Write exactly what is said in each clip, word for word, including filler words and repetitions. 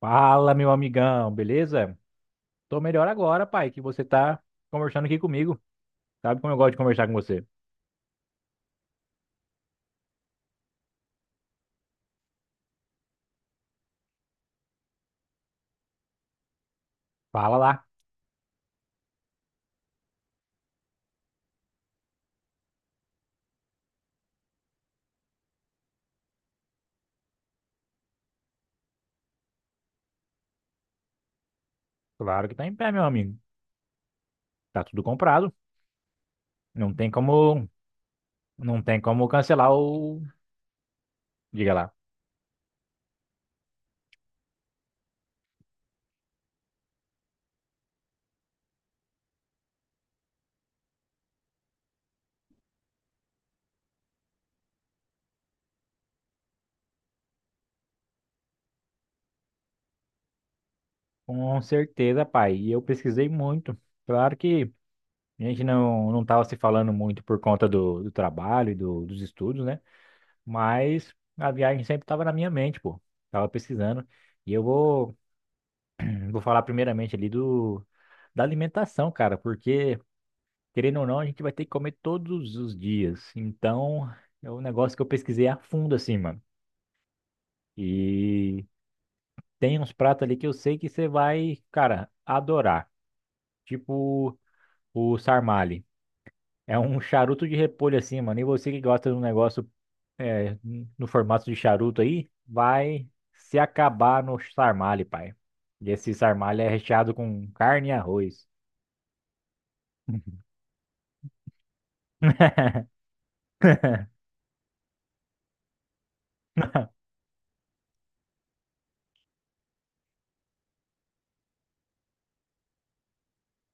Fala, meu amigão, beleza? Tô melhor agora, pai, que você tá conversando aqui comigo. Sabe como eu gosto de conversar com você? Fala lá. Claro que tá em pé, meu amigo. Tá tudo comprado. Não tem como, não tem como cancelar o... Diga lá. Com certeza, pai. E eu pesquisei muito. Claro que a gente não, não tava se falando muito por conta do, do trabalho e do- dos estudos, né? Mas a viagem sempre tava na minha mente, pô. Tava pesquisando. E eu vou Vou falar primeiramente ali do da alimentação, cara, porque querendo ou não, a gente vai ter que comer todos os dias. Então, é um negócio que eu pesquisei a fundo assim, mano. E tem uns pratos ali que eu sei que você vai, cara, adorar. Tipo o sarmale. É um charuto de repolho assim, mano. E você que gosta de um negócio é, no formato de charuto aí, vai se acabar no sarmale, pai. E esse sarmale é recheado com carne e arroz.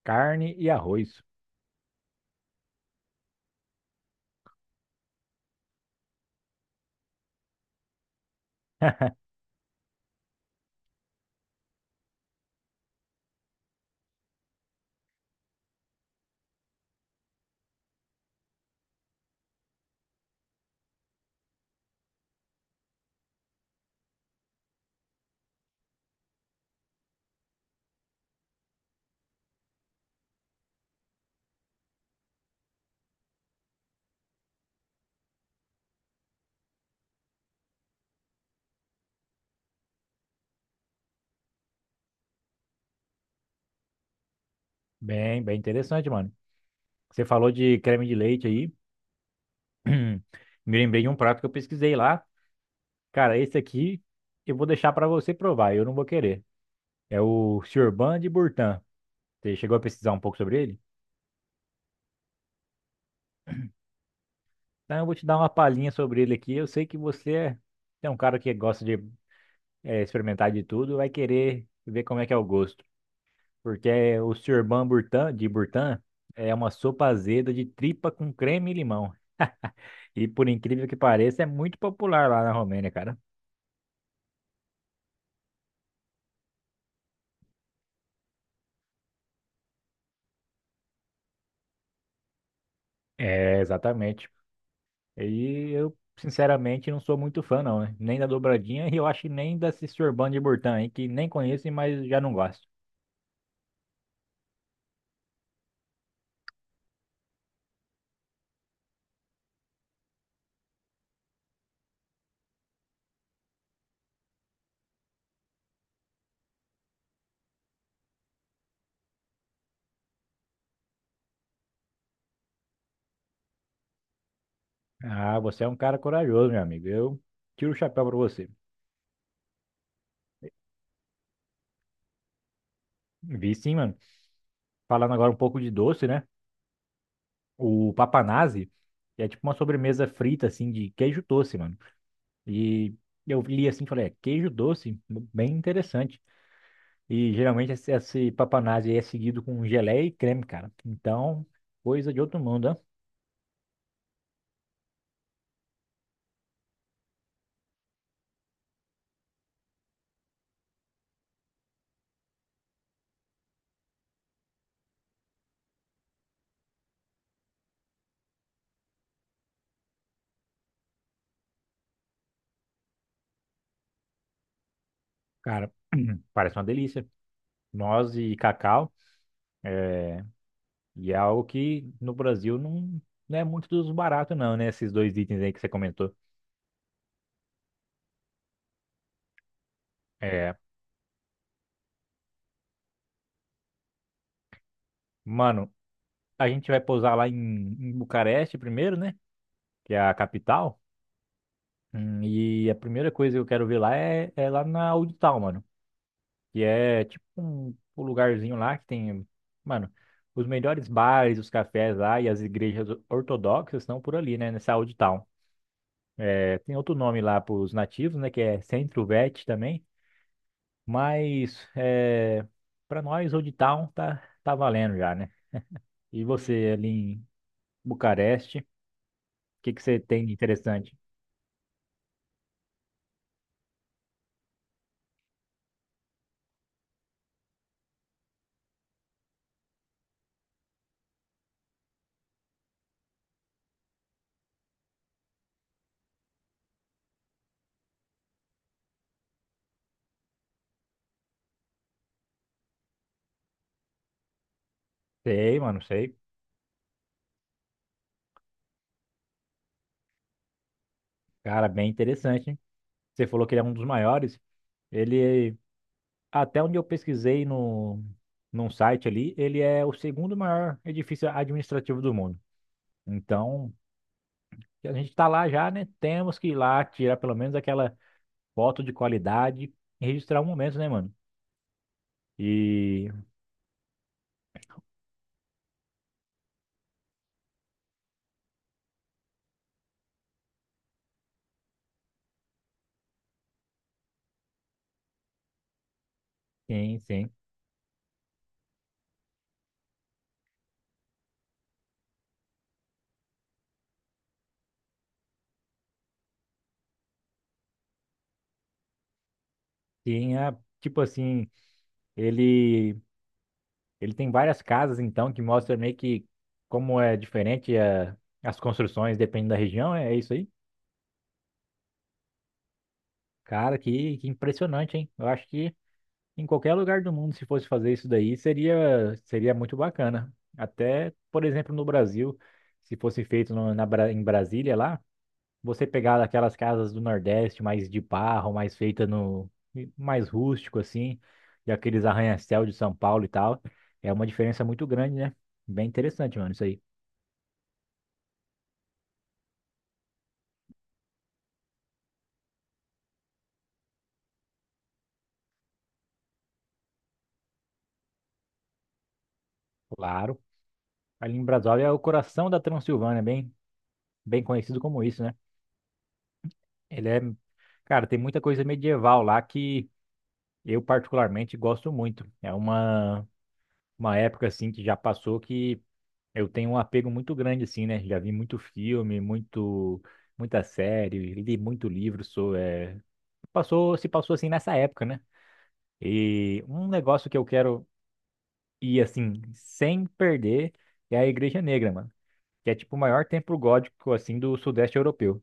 Carne e arroz. Bem, bem interessante, mano. Você falou de creme de leite aí. Me lembrei de um prato que eu pesquisei lá. Cara, esse aqui eu vou deixar pra você provar, eu não vou querer. É o Churban de Burtan. Você chegou a pesquisar um pouco sobre ele? Então eu vou te dar uma palhinha sobre ele aqui. Eu sei que você é é um cara que gosta de eh, experimentar de tudo, vai querer ver como é que é o gosto. Porque eh, o Churban Burtan, de Burtan é uma sopa azeda de tripa com creme e limão. E por incrível que pareça, é muito popular lá na Romênia, cara. É, exatamente. E eu, sinceramente, não sou muito fã, não, né? Nem da dobradinha e eu acho que nem da Cisorban de Burtã, aí, que nem conheço, mas já não gosto. Ah, você é um cara corajoso, meu amigo. Eu tiro o chapéu pra você. Vi sim, mano. Falando agora um pouco de doce, né? O papanazzi é tipo uma sobremesa frita, assim, de queijo doce, mano. E eu li assim e falei, é, queijo doce? Bem interessante. E geralmente esse, esse papanazzi aí é seguido com geleia e creme, cara. Então, coisa de outro mundo, né? Cara, parece uma delícia. Noz e cacau. É, e é algo que no Brasil não, não é muito dos baratos, não, né? Esses dois itens aí que você comentou. É, mano, a gente vai pousar lá em, em Bucareste primeiro, né? Que é a capital. Hum, E a primeira coisa que eu quero ver lá é, é lá na Audital, mano. Que é tipo um, um lugarzinho lá que tem, mano, os melhores bares, os cafés lá e as igrejas ortodoxas estão por ali, né, nessa Old Town. É, tem outro nome lá para os nativos, né, que é Centro Vet também, mas é, para nós Old Town tá, tá valendo já, né? E você ali em Bucareste, o que que você tem de interessante? Sei, mano, sei. Cara, bem interessante, hein? Você falou que ele é um dos maiores. Ele Até onde eu pesquisei no, num site ali, ele é o segundo maior edifício administrativo do mundo. Então, a gente está lá já, né? Temos que ir lá tirar pelo menos aquela foto de qualidade e registrar o momento, né, mano? E sim, sim. Tinha, tipo assim, ele ele tem várias casas, então, que mostra meio que como é diferente é, as construções dependendo da região, é isso aí. Cara, que, que impressionante, hein? Eu acho que em qualquer lugar do mundo, se fosse fazer isso daí, seria, seria muito bacana. Até, por exemplo, no Brasil, se fosse feito no- na, Bra- em Brasília lá, você pegar aquelas casas do Nordeste mais de barro, mais feita no, mais rústico assim, e aqueles arranha-céu de São Paulo e tal, é uma diferença muito grande, né? Bem interessante, mano, isso aí. Claro. Ali em Brasília é o coração da Transilvânia, bem, bem conhecido como isso, né? Ele é, cara, tem muita coisa medieval lá que eu particularmente gosto muito. É uma, uma época assim que já passou que eu tenho um apego muito grande assim, né? Já vi muito filme, muito muita série, li muito livro, sou é, passou, se passou assim nessa época, né? E um negócio que eu quero ir assim sem perder é a Igreja Negra, mano, que é tipo o maior templo gótico assim do Sudeste Europeu.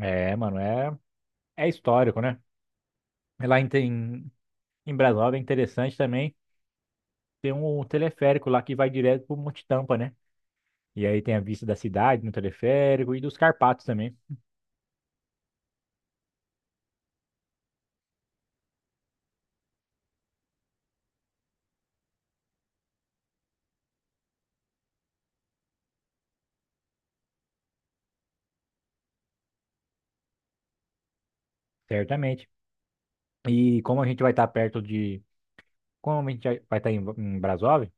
É, mano, é é histórico, né? Lá em, em em Brasília é interessante também, tem um teleférico lá que vai direto pro Monte Tampa, né? E aí tem a vista da cidade no teleférico e dos Carpatos também, certamente. E como a gente vai estar perto de. Como a gente já vai estar em, em Brasov,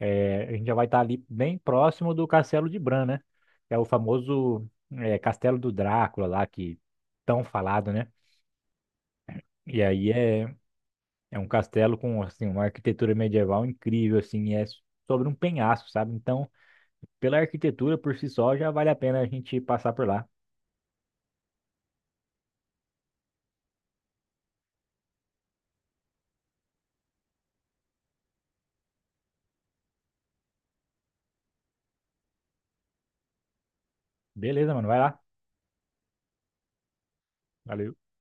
é, a gente já vai estar ali bem próximo do Castelo de Bran, né? Que é o famoso é, Castelo do Drácula lá, que tão falado, né? E aí é, é um castelo com assim, uma arquitetura medieval incrível, assim, e é sobre um penhasco, sabe? Então, pela arquitetura por si só, já vale a pena a gente passar por lá. Beleza, mano. Vai lá. Valeu.